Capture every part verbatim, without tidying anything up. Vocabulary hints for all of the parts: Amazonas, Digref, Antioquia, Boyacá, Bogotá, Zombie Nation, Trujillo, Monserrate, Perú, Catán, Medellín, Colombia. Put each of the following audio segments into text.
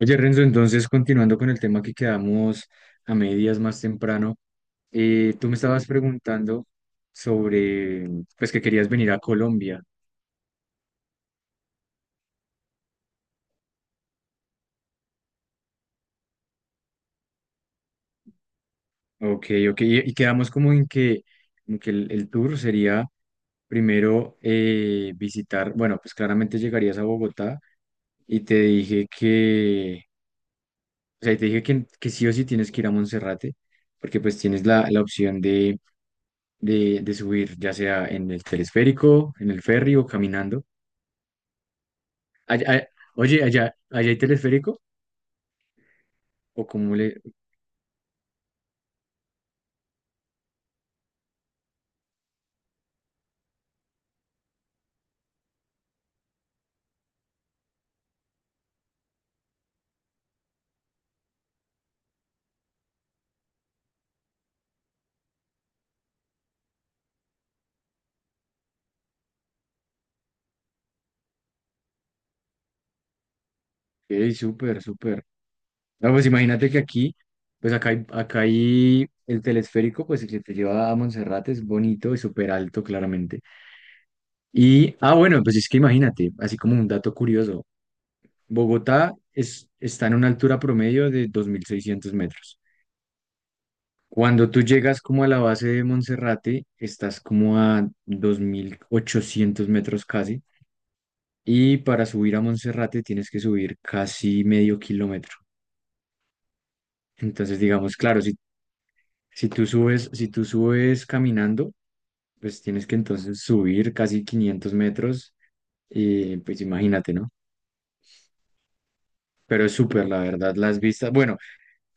Oye, Renzo, entonces continuando con el tema que quedamos a medias más temprano, eh, tú me estabas preguntando sobre, pues que querías venir a Colombia. Ok, ok, y, y quedamos como en que, en que el, el tour sería primero eh, visitar, bueno, pues claramente llegarías a Bogotá y te dije que, o sea, y te dije que, que sí o sí tienes que ir a Monserrate, porque pues tienes la, la opción de, de, de subir, ya sea en el telesférico, en el ferry o caminando. Ay- ay- oye, allá, allá hay telesférico, o como le... ¡Ey, súper, súper! No, pues imagínate que aquí, pues acá hay, acá hay el telesférico, pues el que te lleva a Monserrate, es bonito y súper alto, claramente. Y, ah, bueno, pues es que imagínate, así como un dato curioso, Bogotá es, está en una altura promedio de dos mil seiscientos metros. Cuando tú llegas como a la base de Monserrate, estás como a dos mil ochocientos metros casi. Y para subir a Monserrate tienes que subir casi medio kilómetro. Entonces, digamos, claro, si, si tú subes, si tú subes caminando, pues tienes que entonces subir casi quinientos metros. Y pues imagínate, ¿no? Pero es súper, la verdad, las vistas. Bueno,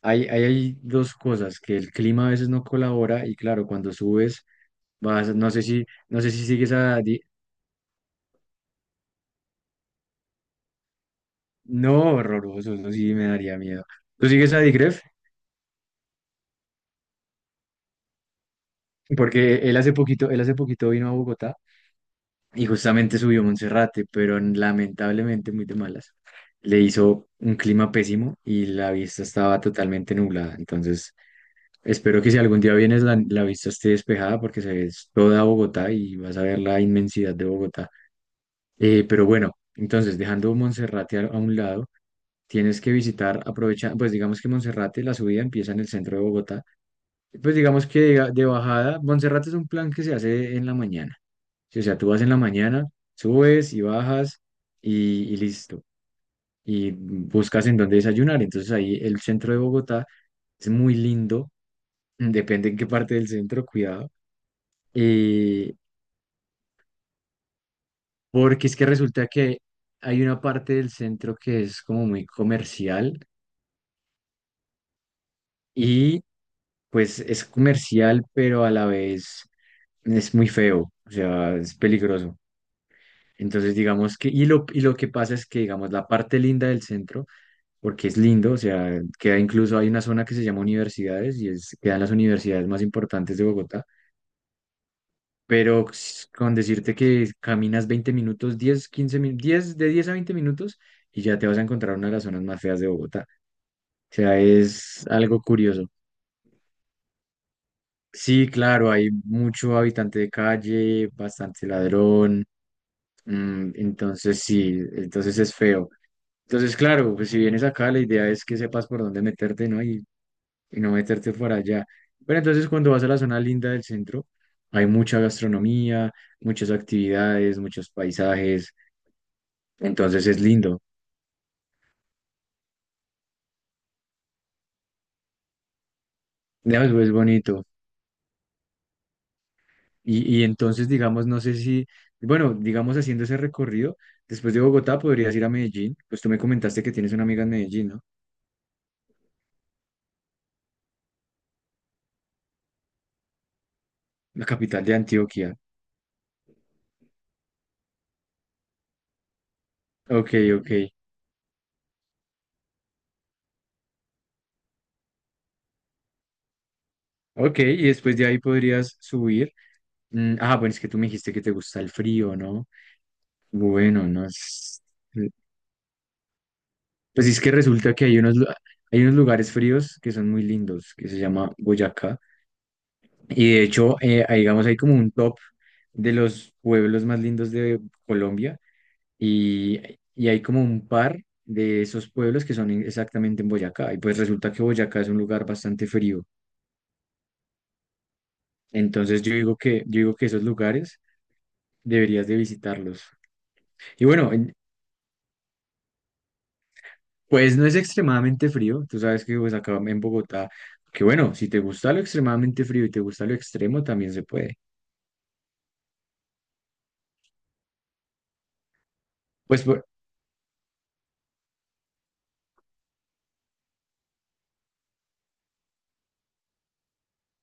Hay, hay, hay dos cosas, que el clima a veces no colabora y claro, cuando subes, vas, no sé si, no sé si sigues a... Di- no, horroroso, eso sí me daría miedo. ¿Tú sigues a Digref? Porque él hace poquito, él hace poquito vino a Bogotá y justamente subió a Monserrate, pero lamentablemente muy de malas. Le hizo un clima pésimo y la vista estaba totalmente nublada. Entonces, espero que si algún día vienes la, la vista esté despejada porque se ve toda Bogotá y vas a ver la inmensidad de Bogotá. Eh, pero bueno, entonces dejando Monserrate a, a un lado, tienes que visitar, aprovecha, pues digamos que Monserrate, la subida empieza en el centro de Bogotá. Pues digamos que de, de bajada, Monserrate es un plan que se hace en la mañana. Sí, o sea, tú vas en la mañana, subes y bajas y, y listo. Y buscas en dónde desayunar. Entonces ahí el centro de Bogotá es muy lindo, depende en qué parte del centro, cuidado. eh, porque es que resulta que hay una parte del centro que es como muy comercial. Y pues es comercial, pero a la vez es muy feo, o sea, es peligroso. Entonces, digamos que, y lo, y lo que pasa es que, digamos, la parte linda del centro, porque es lindo, o sea, queda incluso, hay una zona que se llama universidades y es, quedan las universidades más importantes de Bogotá, pero s- con decirte que caminas veinte minutos, diez quince minutos, diez de diez a veinte minutos y ya te vas a encontrar una de las zonas más feas de Bogotá. O sea, es algo curioso. Sí, claro, hay mucho habitante de calle, bastante ladrón, mm, entonces sí, entonces es feo. Entonces, claro, pues si vienes acá, la idea es que sepas por dónde meterte, ¿no? Y, y no meterte por allá. Pero entonces cuando vas a la zona linda del centro, hay mucha gastronomía, muchas actividades, muchos paisajes, entonces es lindo, ya, pues, es bonito. Y, y entonces, digamos, no sé si, bueno, digamos haciendo ese recorrido, después de Bogotá podrías ir a Medellín, pues tú me comentaste que tienes una amiga en Medellín, ¿no? La capital de Antioquia. Ok, ok, ok, y después de ahí podrías subir. Mm, ah, bueno, es que tú me dijiste que te gusta el frío, ¿no? Bueno, no es... Pues es que resulta que hay unos, lu- hay unos lugares fríos que son muy lindos, que se llama Boyacá, y de hecho, eh, ahí, digamos, hay como un top de los pueblos más lindos de Colombia. Y, y hay como un par de esos pueblos que son en- exactamente en Boyacá. Y pues resulta que Boyacá es un lugar bastante frío. Entonces yo digo que, yo digo que esos lugares deberías de visitarlos. Y bueno, en- pues no es extremadamente frío. Tú sabes que pues acá en Bogotá, que bueno, si te gusta lo extremadamente frío y te gusta lo extremo, también se puede. Pues por-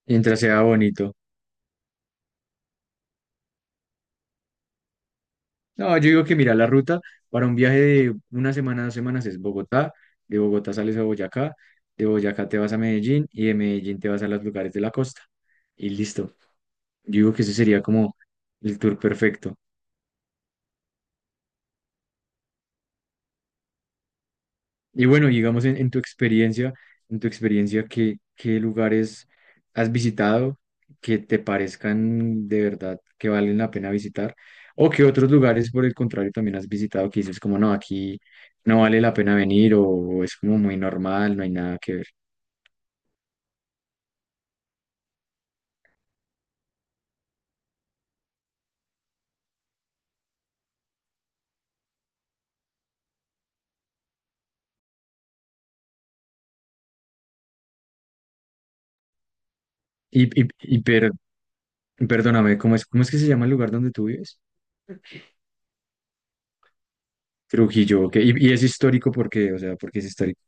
mientras sea bonito. No, yo digo que mira, la ruta para un viaje de una semana, dos semanas es Bogotá, de Bogotá sales a Boyacá, de Boyacá te vas a Medellín y de Medellín te vas a los lugares de la costa. Y listo. Yo digo que ese sería como el tour perfecto. Y bueno, digamos en, en tu experiencia, en tu experiencia, ¿qué, qué lugares has visitado que te parezcan de verdad que valen la pena visitar? ¿O qué otros lugares, por el contrario, también has visitado que dices como no, aquí no vale la pena venir o es como muy normal, no hay nada que ver? Y, y, y per- perdóname, ¿cómo es, cómo es que se llama el lugar donde tú vives? Trujillo, ok. Y, y es histórico porque, o sea, porque es histórico.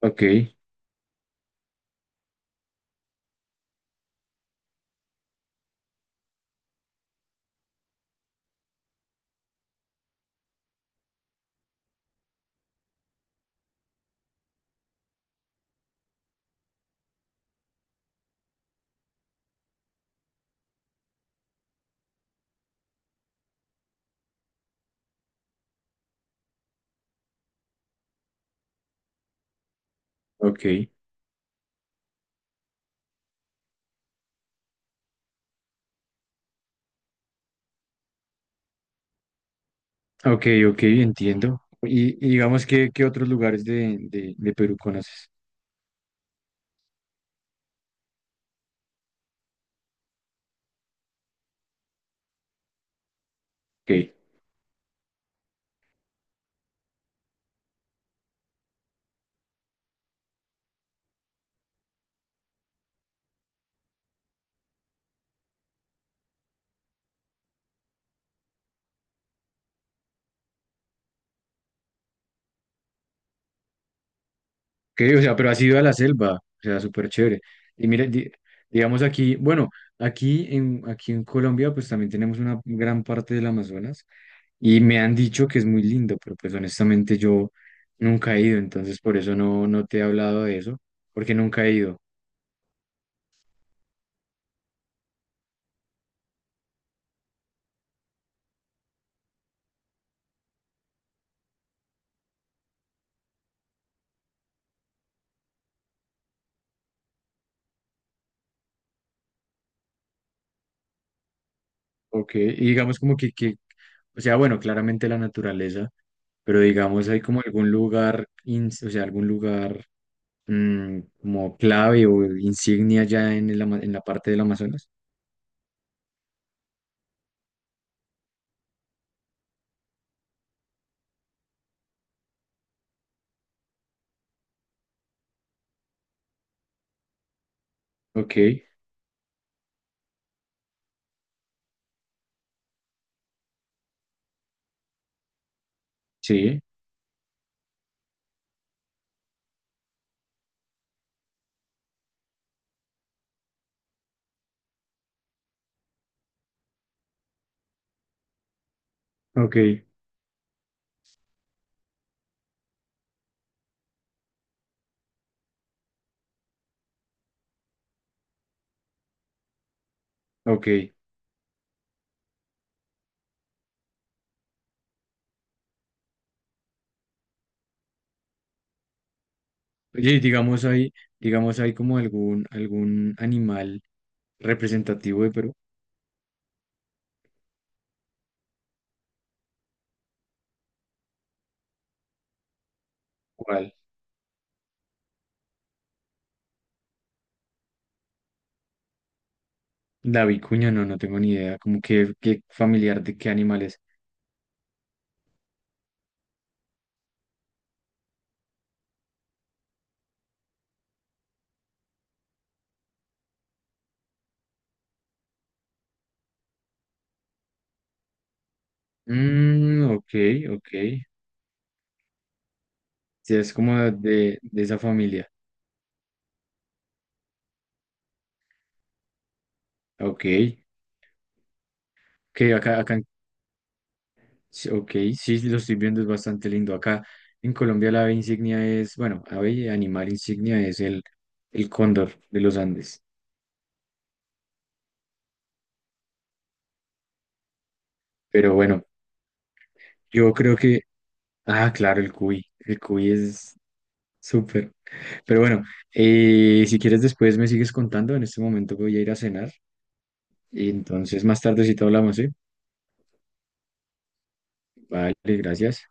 Ok, ok. Ok, ok, entiendo. Y, y digamos que, ¿qué otros lugares de, de, de Perú conoces? Ok, ok, o sea, pero has ido a la selva, o sea, súper chévere. Y mira, di- digamos aquí, bueno, aquí en, aquí en Colombia pues también tenemos una gran parte del Amazonas y me han dicho que es muy lindo, pero pues honestamente yo nunca he ido, entonces por eso no, no te he hablado de eso, porque nunca he ido. Ok, y digamos como que, que, o sea, bueno, claramente la naturaleza, pero digamos hay como algún lugar, ins- o sea, algún lugar mm, como clave o insignia ya en el ama- en la parte del Amazonas. Ok, sí, ok, ok. Oye, y digamos hay, digamos hay como algún, algún animal representativo de Perú. ¿Cuál? La vicuña, no, no tengo ni idea, como que, qué familiar de qué animal es. Mm, ok, ok. Sí, es como de, de esa familia. Ok, que acá, acá, en- sí, ok, sí, lo estoy viendo, es bastante lindo. Acá en Colombia la ave insignia es, bueno, ave y animal insignia es el, el cóndor de los Andes. Pero bueno, yo creo que, ah, claro, el cuy, el cuy es súper. Pero bueno, eh, si quieres después me sigues contando, en este momento voy a ir a cenar. Entonces más tardecito hablamos, ¿sí? Vale, gracias.